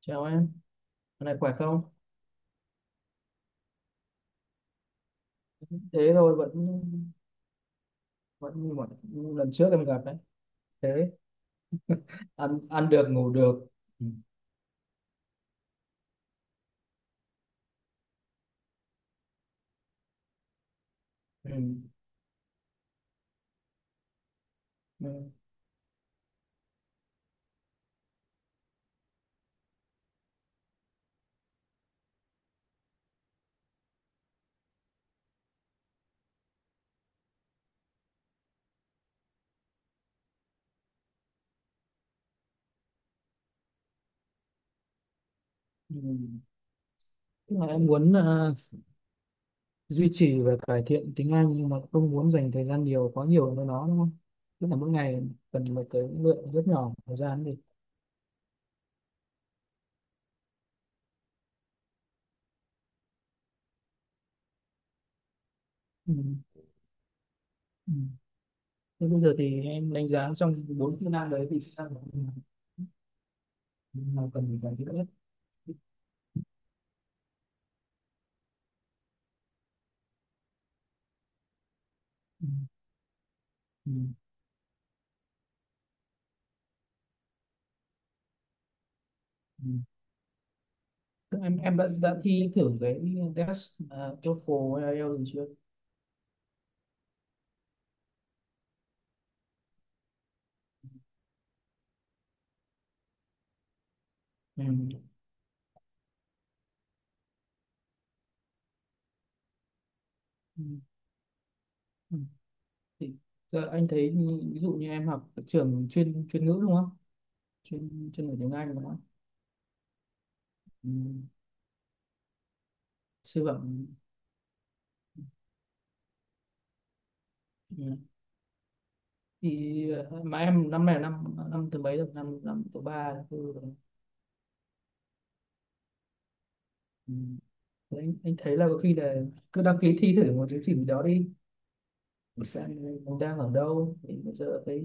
Chào em, hôm nay khỏe không? Thế thôi vẫn vẫn như mọi lần trước em gặp đấy. Thế ăn ăn được ngủ được. Ừ. Ừ. Ừ. Ừ. Tức là em muốn duy trì và cải thiện tiếng Anh nhưng mà không muốn dành thời gian nhiều quá nhiều với nó đúng không? Tức là mỗi ngày cần một cái lượng rất nhỏ thời gian đi. Ừ. Ừ. Thế bây giờ thì em đánh giá trong bốn kỹ năng đấy thì kỹ năng nào nào cần phải cải thiện nhất? Ừ. Ừ. Ừ. Em đã thi thử cái test TOEFL hay IELTS rồi chưa. Ừ. Ừ. Ừ. Thì giờ anh thấy như-, ví dụ như em học ở trường chuyên chuyên ngữ đúng không, chuyên chuyên ngữ tiếng Anh đúng không. Ừ. Sư phạm. Ừ. Thì mà em năm này là năm năm thứ mấy rồi, năm năm thứ ba thứ tư rồi. Ừ. Thế anh thấy là có khi là cứ đăng ký thi thử một chứng chỉ gì đó đi, xem mình đang ở đâu. Thì bây giờ thấy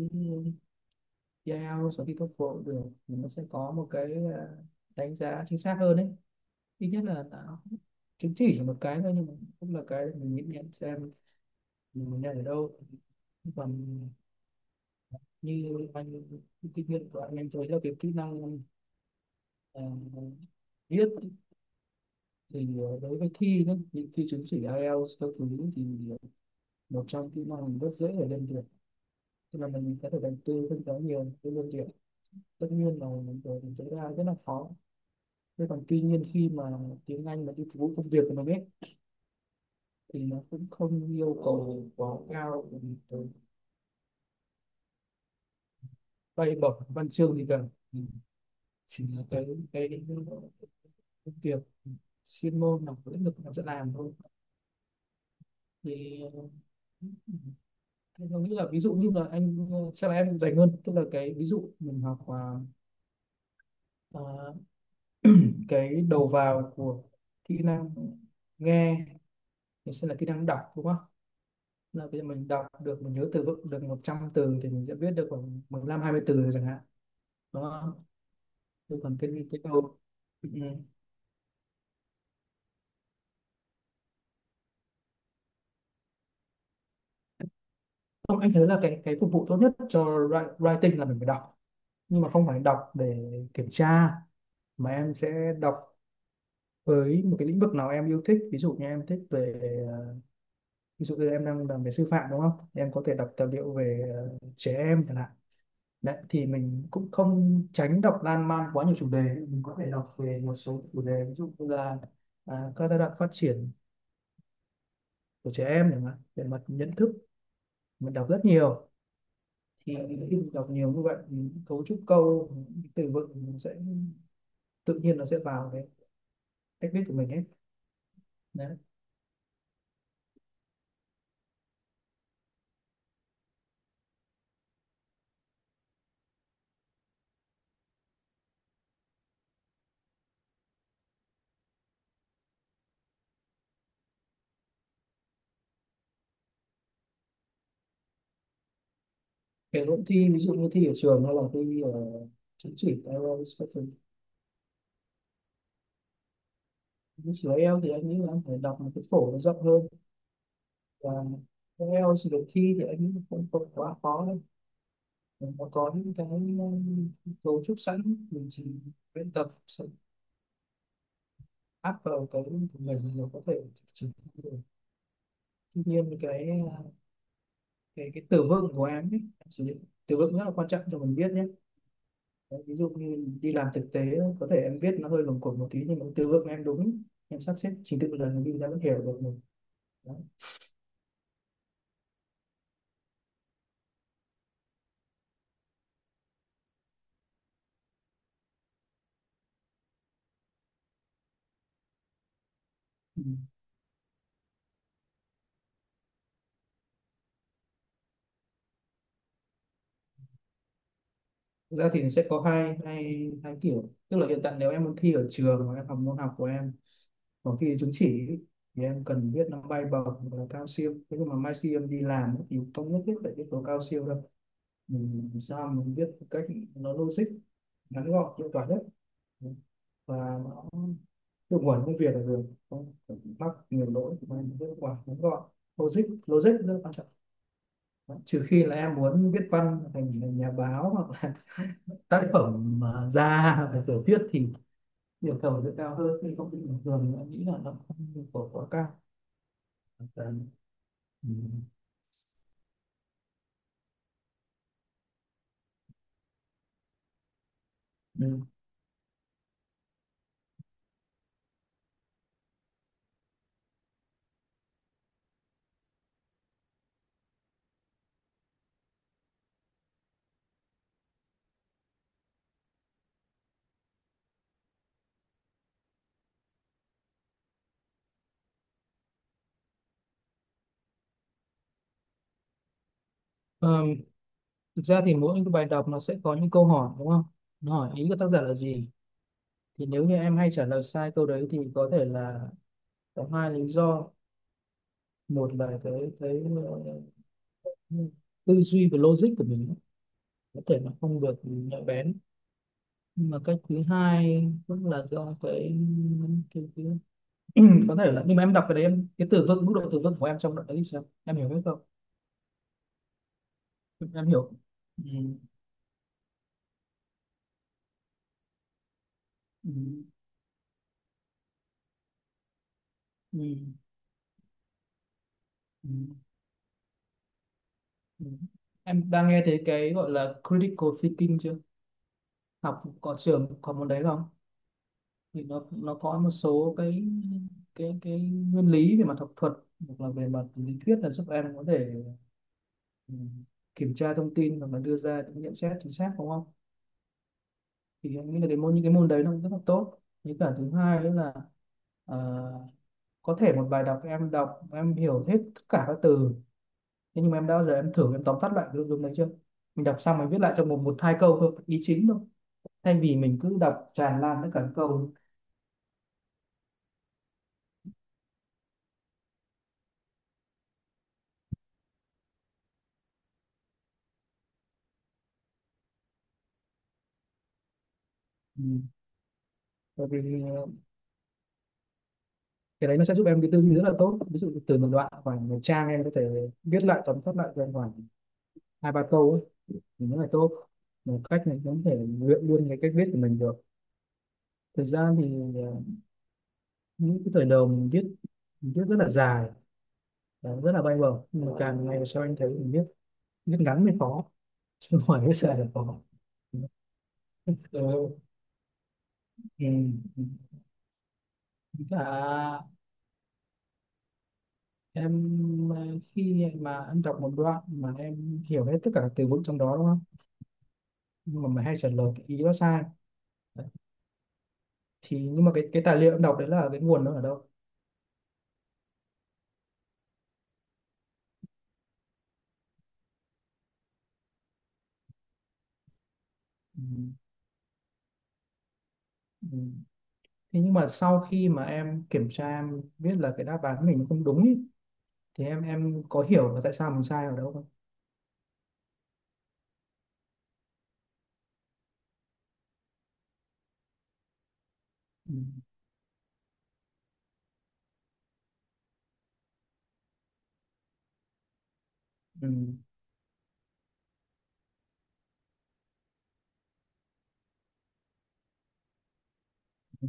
IELTS sau khi tốt cũng được, thì nó sẽ có một cái đánh giá chính xác hơn đấy. Ít nhất là nó chứng chỉ một cái thôi nhưng mà cũng là cái để mình nhìn nhận xem mình nhận ở đâu. Còn như anh, kinh nghiệm của anh em thấy là cái kỹ năng ờ, viết thì đối với thi đó, thì thi chứng chỉ IELTS các thứ, thì một trong kỹ năng rất dễ để lên được. Tức là mình có thể đầu tư không quá nhiều để lên được, tất nhiên là mình tối đa rất là khó. Thế còn, tuy nhiên khi mà tiếng Anh mà đi phục vụ công việc của mình ấy, thì nó cũng không yêu cầu quá cao, bởi vì bay bổng văn chương gì cả. Ừ, chỉ là cái công việc chuyên môn là lĩnh vực mà sẽ làm thôi. Thì ừ, thế tôi nghĩ là ví dụ như là anh chắc là em dành hơn, tức là cái ví dụ mình học ờ, cái đầu vào của kỹ năng nghe thì sẽ là kỹ năng đọc đúng không. Là bây giờ mình đọc được, mình nhớ từ vựng được 100 từ thì mình sẽ viết được khoảng 15 20 từ rồi chẳng hạn, đúng không. Thế còn cái câu, ừ. Ừ. Không, anh thấy là cái phục vụ tốt nhất cho writing là mình phải đọc, nhưng mà không phải đọc để kiểm tra, mà em sẽ đọc với một cái lĩnh vực nào em yêu thích. Ví dụ như em thích về ờ, ví dụ như em đang làm về sư phạm đúng không, em có thể đọc tài liệu về trẻ em chẳng hạn. Đấy, thì mình cũng không tránh đọc lan man quá nhiều chủ đề, mình có thể đọc về một số chủ đề ví dụ như là các giai đoạn phát triển của trẻ em chẳng hạn, về mặt nhận thức. Mình đọc rất nhiều thì khi mình đọc nhiều như vậy, mình cấu trúc câu, những từ vựng nó sẽ tự nhiên nó sẽ vào cái cách viết của mình ấy, đấy. Kể cũng thi, ví dụ như thi ở trường hay là thi ở chứng chỉ IELTS các thứ. Chứng chỉ IELTS thì anh nghĩ là anh phải đọc một cái phổ nó rộng hơn. Và IELTS được thi thì anh nghĩ là không không quá khó đâu. Nó có những cái ờ, cấu trúc sẵn, mình chỉ luyện tập sẽ áp vào cái của mình là có thể chỉnh được. Tuy nhiên cái ờ, cái từ vựng của em ấy, em sử dụng từ vựng rất là quan trọng cho mình viết nhé. Đấy, ví dụ như đi làm thực tế có thể em viết nó hơi lồng cuộn một tí, nhưng mà từ vựng em đúng, em sắp xếp trình tự một lần đi ra vẫn hiểu được mình. Đấy. Ừ. Thực ra thì sẽ có hai hai hai kiểu, tức là hiện tại nếu em muốn thi ở trường mà em học môn học của em có thi chứng chỉ, thì em cần biết nó bay bổng hoặc là cao siêu. Thế nhưng mà mai khi em đi làm ấy, thì không nhất thiết phải biết tố cao siêu đâu. Mình làm sao mình biết một cách nó logic, ngắn gọn, hiệu quả nhất, và nó hiệu quả công việc là được. Không phải mắc nhiều lỗi mà mình biết hiệu quả, ngắn gọn, logic logic rất quan trọng. Đấy, trừ khi là em muốn viết văn thành thành nhà báo hoặc là tác phẩm mà ra về tiểu thuyết thì yêu cầu sẽ cao hơn. Nhưng không, bình thường em nghĩ là nó không yêu cầu quá cao. Cần. Ừ. Ừ. Ờ, thực ra thì mỗi cái bài đọc nó sẽ có những câu hỏi đúng không? Nó hỏi ý của tác giả là gì? Thì nếu như em hay trả lời sai câu đấy thì có thể là có hai lý do. Một là cái ờ, tư duy và logic của mình ấy, có thể là không được nhạy bén. Nhưng mà cách thứ hai cũng là do cái... có thể là, nhưng mà em đọc cái đấy, em cái từ vựng, mức độ từ vựng của em trong đoạn đấy thì sao? Em hiểu hết không? Em hiểu. Ừ. Ừ. Ừ. Ừ. Ừ. Em đang nghe thấy cái gọi là critical thinking chưa? Học có trường có môn đấy không? Thì nó có một số cái cái nguyên lý về mặt học thuật hoặc là về mặt lý thuyết, là giúp em có thể ừ, kiểm tra thông tin và mà đưa ra những nhận xét chính xác, đúng không? Thì em nghĩ là cái môn, những cái môn đấy nó cũng rất là tốt. Với cả thứ hai nữa là, ờ, có thể một bài đọc em hiểu hết tất cả các từ, thế nhưng mà em đã bao giờ em thử em tóm tắt lại cái nội dung đấy chưa? Mình đọc xong mình viết lại trong một một hai câu thôi, ý chính thôi, thay vì mình cứ đọc tràn lan tất cả các câu. Ừ. Bởi vì cái đấy nó sẽ giúp em cái tư duy rất là tốt, ví dụ từ một đoạn khoảng một trang em có thể viết lại, tóm tắt lại trong khoảng hai ba câu ấy, thì nó là tốt. Một cách này cũng có thể luyện luôn cái cách viết của mình được. Thực ra thì ờ, những cái thời đầu mình viết, mình viết rất là dài và rất là bay bổng, nhưng mà càng ngày sau anh thấy mình viết viết ngắn mới khó, chứ không phải viết dài là khó. Ờ, ừ. Ừ. Và em khi mà em đọc một đoạn mà em hiểu hết tất cả các từ vựng trong đó đúng không, nhưng mà mày hay trả lời cái ý đó sai. Đấy. Thì nhưng mà cái tài liệu em đọc đấy là cái nguồn nó ở đâu? Ừ. Ừ. Thế nhưng mà sau khi mà em kiểm tra em biết là cái đáp án của mình nó không đúng ý, thì em có hiểu là tại sao mình sai ở đâu không? Ừ. Ừ. Ừ.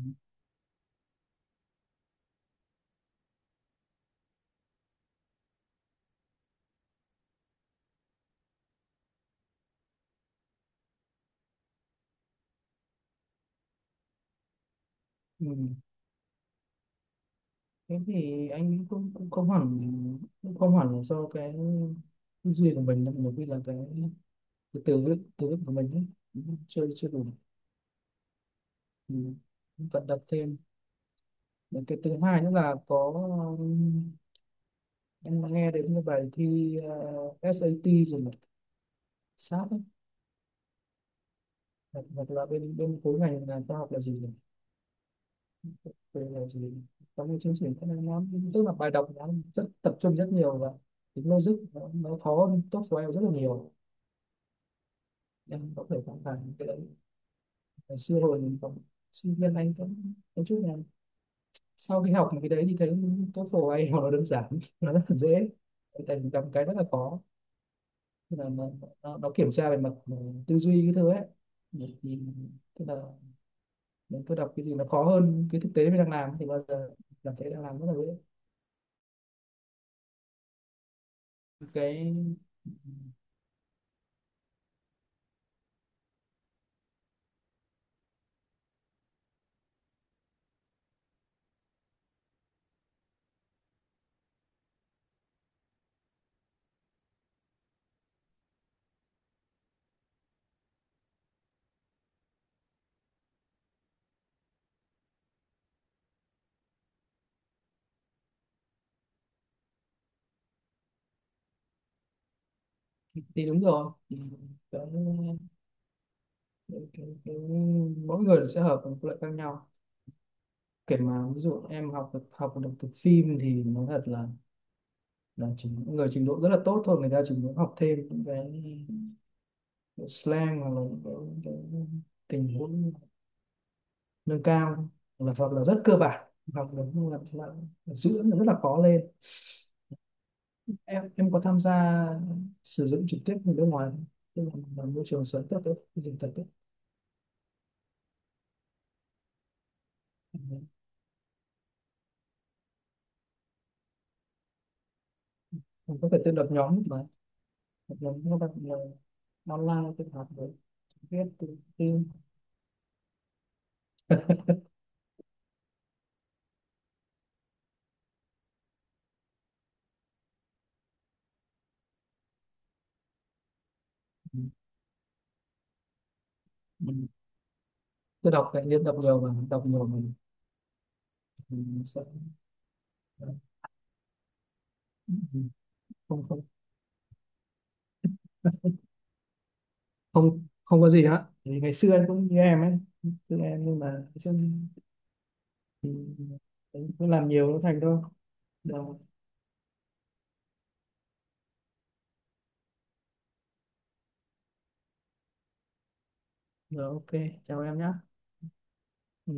Ừ. Thế thì anh cũng cũng không hẳn là do cái tư duy của mình đâu, nhiều khi là cái từ vựng của mình ấy chưa chưa đủ. Ừ, vận động thêm. Những cái thứ hai nữa là có, um, em nghe đến cái bài thi SAT rồi này, sát. Ấy. Hoặc, hoặc là bên bên khối ngành là khoa học là gì nhỉ, về là gì nhỉ? Có một chương trình cái này nó, tức là bài đọc nó rất tập trung rất nhiều, và tính logic nó khó hơn tốt của em rất là nhiều. Em có thể cảm thấy cái đấy. Ngày xưa hồi mình còn sinh viên anh cũng có chút là, sau khi học cái đấy thì thấy TOEFL ai nó đơn giản nó rất là dễ, tại vì gặp cái rất là khó. Tức là nó kiểm tra về mặt tư duy cái thứ ấy. Thì tức là mình cứ đọc cái gì nó khó hơn cái thực tế mình đang làm, thì bao giờ cảm thấy đang làm rất là dễ. Cái, thì đúng rồi, thì cái, cái, mỗi người sẽ hợp với một loại khác nhau. Kể mà ví dụ em học được từ phim thì nó thật là chỉ những người trình độ rất là tốt thôi, người ta chỉ muốn học thêm những cái slang hoặc là những cái tình huống nâng cao, là hoặc là rất cơ bản hoặc là, là giữ nó rất là khó lên. Em có tham gia sử dụng trực tiếp người nước ngoài không? Tức là môi trường sống thật đấy, môi trường thật đấy. Em có thể tự lập nhóm mà, lập nhóm các bạn là online tự học với, viết tự tin. Ừ. Ừ. Tự đọc tự nhiên, đọc nhiều và đọc nhiều mình sẽ. Ừ. Không, không có gì hết, vì ngày xưa em cũng như em ấy, xưa em nhưng mà chứ. Ừ, cứ làm nhiều nó thành thôi. Rồi, rồi, ok, chào em nhé.